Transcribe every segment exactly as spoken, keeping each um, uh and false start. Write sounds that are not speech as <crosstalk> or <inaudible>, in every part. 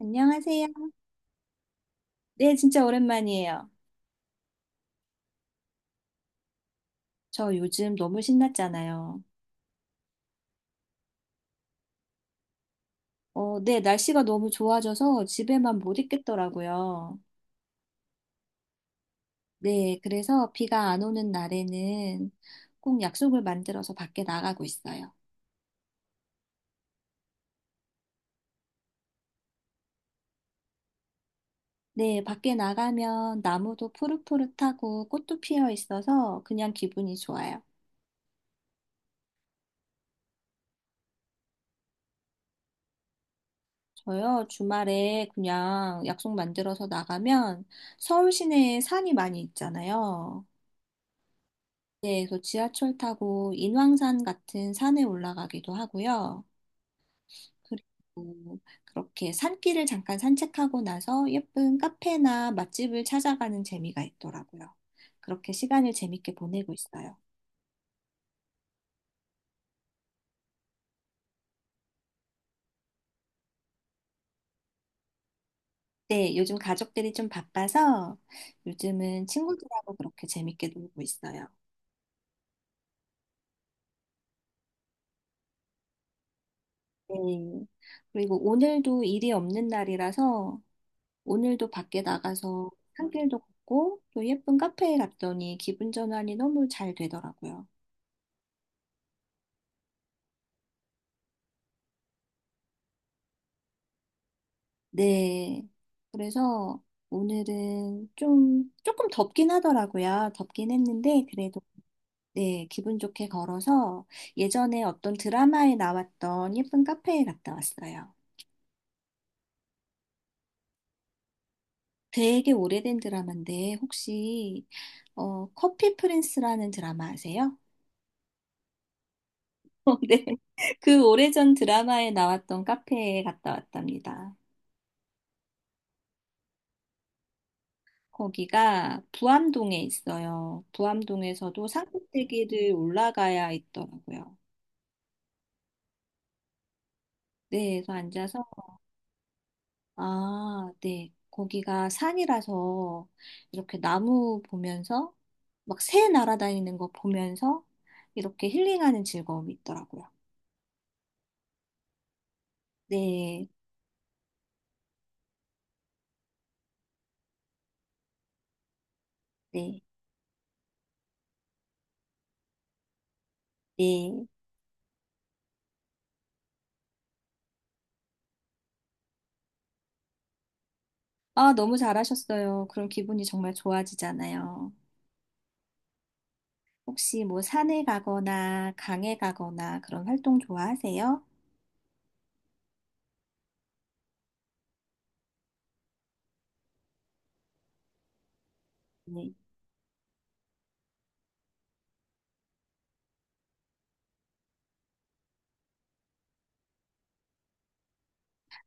안녕하세요. 네, 진짜 오랜만이에요. 저 요즘 너무 신났잖아요. 어, 네, 날씨가 너무 좋아져서 집에만 못 있겠더라고요. 네, 그래서 비가 안 오는 날에는 꼭 약속을 만들어서 밖에 나가고 있어요. 네, 밖에 나가면 나무도 푸릇푸릇하고 꽃도 피어 있어서 그냥 기분이 좋아요. 저요, 주말에 그냥 약속 만들어서 나가면 서울 시내에 산이 많이 있잖아요. 네, 그래서 지하철 타고 인왕산 같은 산에 올라가기도 하고요. 그리고 그렇게 산길을 잠깐 산책하고 나서 예쁜 카페나 맛집을 찾아가는 재미가 있더라고요. 그렇게 시간을 재밌게 보내고 있어요. 네, 요즘 가족들이 좀 바빠서 요즘은 친구들하고 그렇게 재밌게 놀고 있어요. 네. 그리고 오늘도 일이 없는 날이라서 오늘도 밖에 나가서 산길도 걷고 또 예쁜 카페에 갔더니 기분 전환이 너무 잘 되더라고요. 네. 그래서 오늘은 좀 조금 덥긴 하더라고요. 덥긴 했는데 그래도 네, 기분 좋게 걸어서 예전에 어떤 드라마에 나왔던 예쁜 카페에 갔다 왔어요. 되게 오래된 드라마인데 혹시 어, 커피 프린스라는 드라마 아세요? <laughs> 네. 그 오래전 드라마에 나왔던 카페에 갔다 왔답니다. 거기가 부암동에 있어요. 부암동에서도 상급대기를 올라가야 있더라고요. 네, 그래서 앉아서, 아, 네, 거기가 산이라서 이렇게 나무 보면서 막 새 날아다니는 거 보면서 이렇게 힐링하는 즐거움이 있더라고요. 네, 네, 네. 아, 너무 잘하셨어요. 그럼 기분이 정말 좋아지잖아요. 혹시 뭐 산에 가거나 강에 가거나 그런 활동 좋아하세요? 네.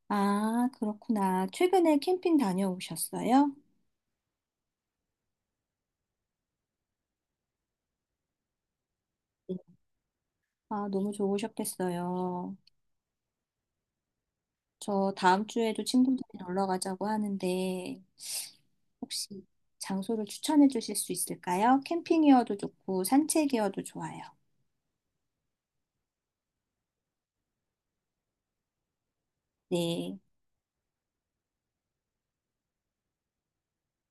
아, 그렇구나. 최근에 캠핑 다녀오셨어요? 네. 아, 너무 좋으셨겠어요. 저 다음 주에도 친구들이 놀러 가자고 하는데, 혹시 장소를 추천해 주실 수 있을까요? 캠핑이어도 좋고, 산책이어도 좋아요. 네.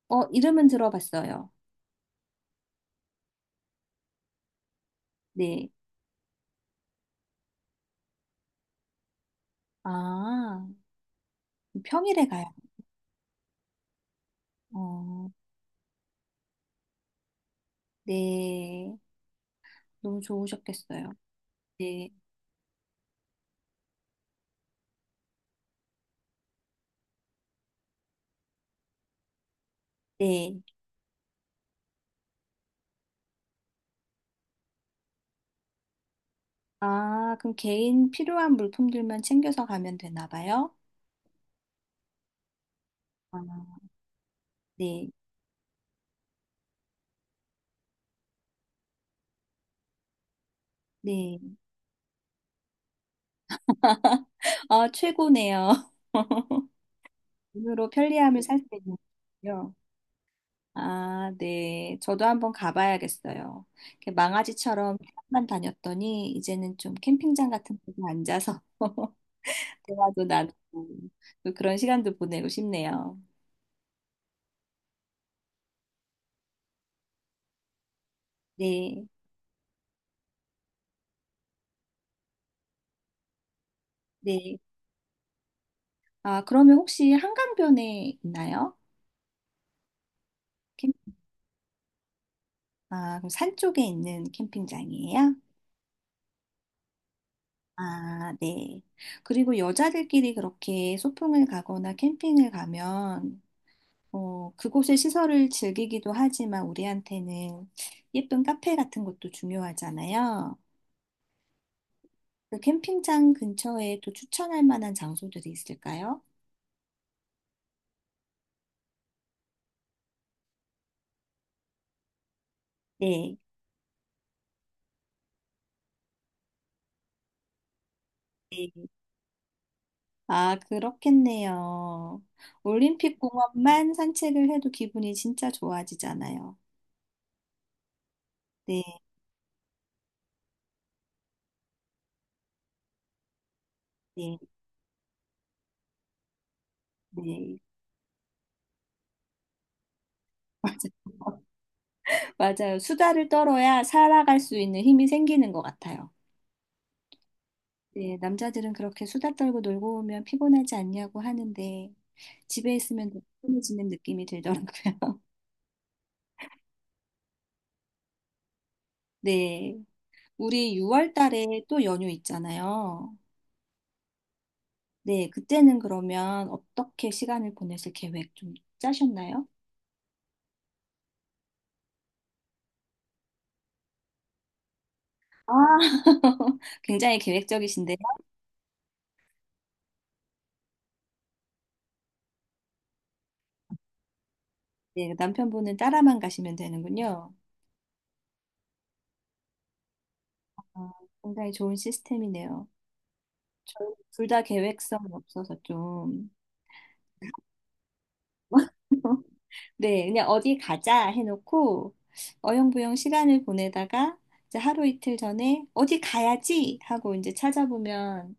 어, 이름은 들어봤어요. 네. 아, 평일에 가요. 어, 네. 너무 좋으셨겠어요. 네. 네. 아, 그럼 개인 필요한 물품들만 챙겨서 가면 되나 봐요? 아, 네, 네. 아, 최고네요. <laughs> 눈으로 편리함을 살 수 있는 거요. 아, 네. 저도 한번 가봐야겠어요. 이렇게 망아지처럼 캠만 다녔더니 이제는 좀 캠핑장 같은 곳에 앉아서 <laughs> 대화도 나누고 또 그런 시간도 보내고 싶네요. 네, 네. 아, 그러면 혹시 한강변에 있나요? 캠- 아, 그럼 산 쪽에 있는 캠핑장이에요? 아, 네. 그리고 여자들끼리 그렇게 소풍을 가거나 캠핑을 가면, 어, 그곳의 시설을 즐기기도 하지만 우리한테는 예쁜 카페 같은 것도 중요하잖아요. 그 캠핑장 근처에 또 추천할 만한 장소들이 있을까요? 네. 네. 아, 그렇겠네요. 올림픽 공원만 산책을 해도 기분이 진짜 좋아지잖아요. 네, 네, 네. <laughs> 맞아요. 맞아요. 수다를 떨어야 살아갈 수 있는 힘이 생기는 것 같아요. 네, 남자들은 그렇게 수다 떨고 놀고 오면 피곤하지 않냐고 하는데 집에 있으면 더 피곤해지는 느낌이 들더라고요. <laughs> 네, 우리 유월 달에 또 연휴 있잖아요. 네, 그때는 그러면 어떻게 시간을 보내실 계획 좀 짜셨나요? 아, <laughs> 굉장히 계획적이신데 네, 남편분은 따라만 가시면 되는군요. 아, 굉장히 좋은 시스템이네요. 저희 둘 다 계획성이 없어서 좀. <laughs> 네, 그냥 어디 가자 해놓고 어영부영 시간을 보내다가 이제 하루 이틀 전에 어디 가야지 하고 이제 찾아보면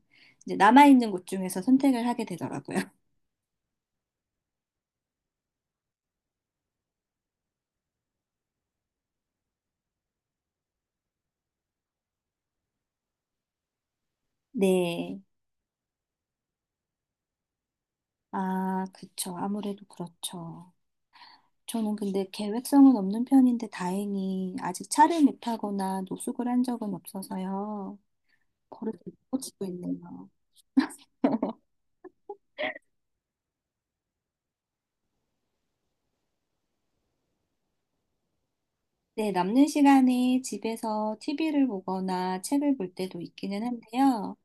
이제 남아있는 곳 중에서 선택을 하게 되더라고요. <laughs> 네. 아, 그쵸. 아무래도 그렇죠. 저는 근데 계획성은 없는 편인데 다행히 아직 차를 못 타거나 노숙을 한 적은 없어서요. 버릇을 못 고치고 있네요. <laughs> 네, 남는 시간에 집에서 티비를 보거나 책을 볼 때도 있기는 한데요.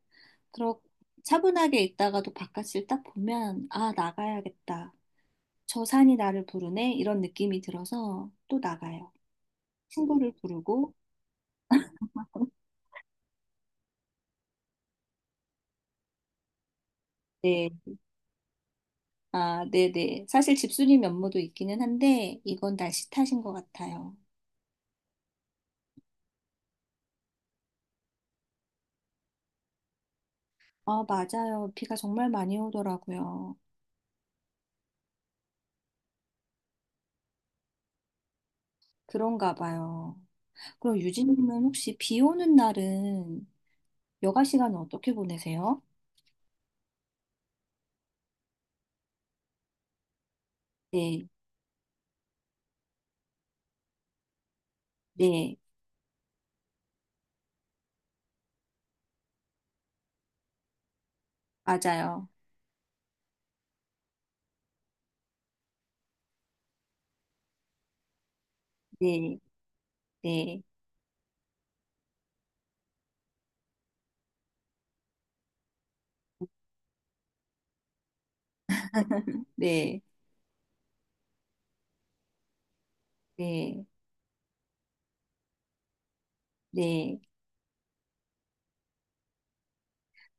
그렇 차분하게 있다가도 바깥을 딱 보면, 아, 나가야겠다. 저 산이 나를 부르네. 이런 느낌이 들어서 또 나가요. 친구를 부르고, 네, 아, 네네. 사실 집수님 면모도 있기는 한데, 이건 날씨 탓인 것 같아요. 아, 맞아요. 비가 정말 많이 오더라고요. 그런가 봐요. 그럼 유진님은 혹시 비 오는 날은 여가 시간은 어떻게 보내세요? 네, 네, 맞아요. 네, 네, 네, 네, 네,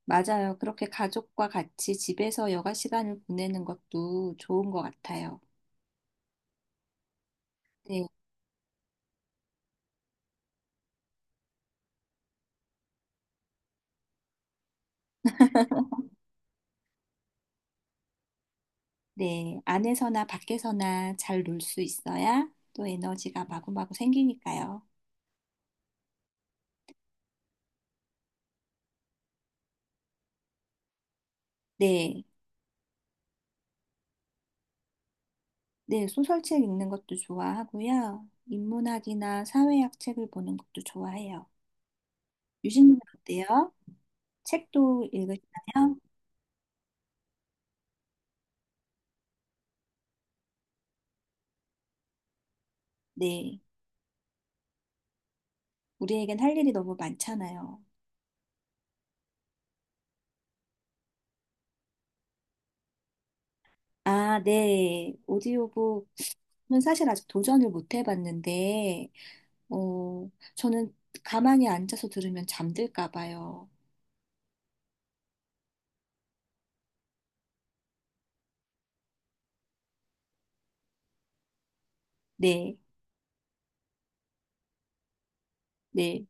맞아요. 그렇게 가족과 같이 집에서 여가 시간을 보내는 것도 좋은 것 같아요. 네, 네, 안에서나 밖에서나 잘 놀 수 있어야 또 에너지가 마구마구 생기니까요. 네, 네, 소설책 읽는 것도 좋아하고요. 인문학이나 사회학 책을 보는 것도 좋아해요. 유진님 어때요? 책도 읽으시나요? 네. 우리에겐 할 일이 너무 많잖아요. 아, 네. 오디오북은 사실 아직 도전을 못 해봤는데, 어, 저는 가만히 앉아서 들으면 잠들까 봐요. 네, 네.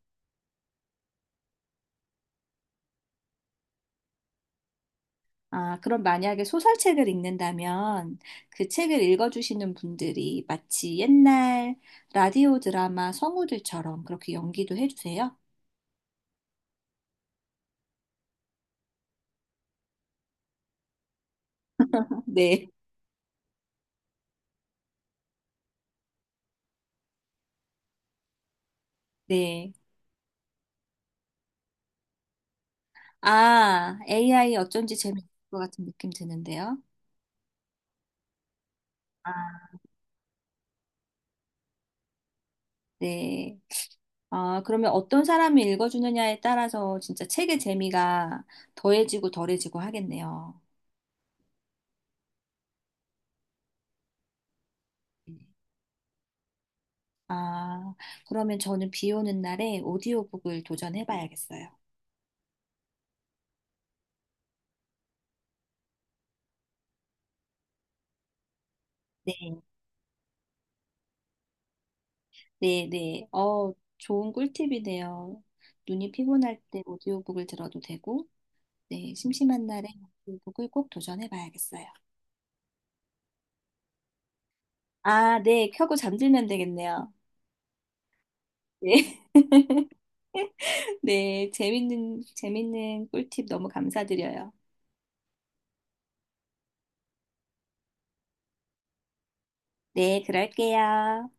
아, 그럼 만약에 소설책을 읽는다면 그 책을 읽어주시는 분들이 마치 옛날 라디오 드라마 성우들처럼 그렇게 연기도 해주세요? 네, 네. 아, 에이아이 어쩐지 재밌을 것 같은 느낌 드는데요. 아, 네. 아, 그러면 어떤 사람이 읽어주느냐에 따라서 진짜 책의 재미가 더해지고 덜해지고 하겠네요. 아, 그러면 저는 비 오는 날에 오디오북을 도전해봐야겠어요. 네, 네, 네. 어, 좋은 꿀팁이네요. 눈이 피곤할 때 오디오북을 들어도 되고, 네, 심심한 날에 오디오북을 꼭 도전해봐야겠어요. 아, 네, 켜고 잠들면 되겠네요. 네, <laughs> 네, 재밌는, 재밌는 꿀팁 너무 감사드려요. 네, 그럴게요.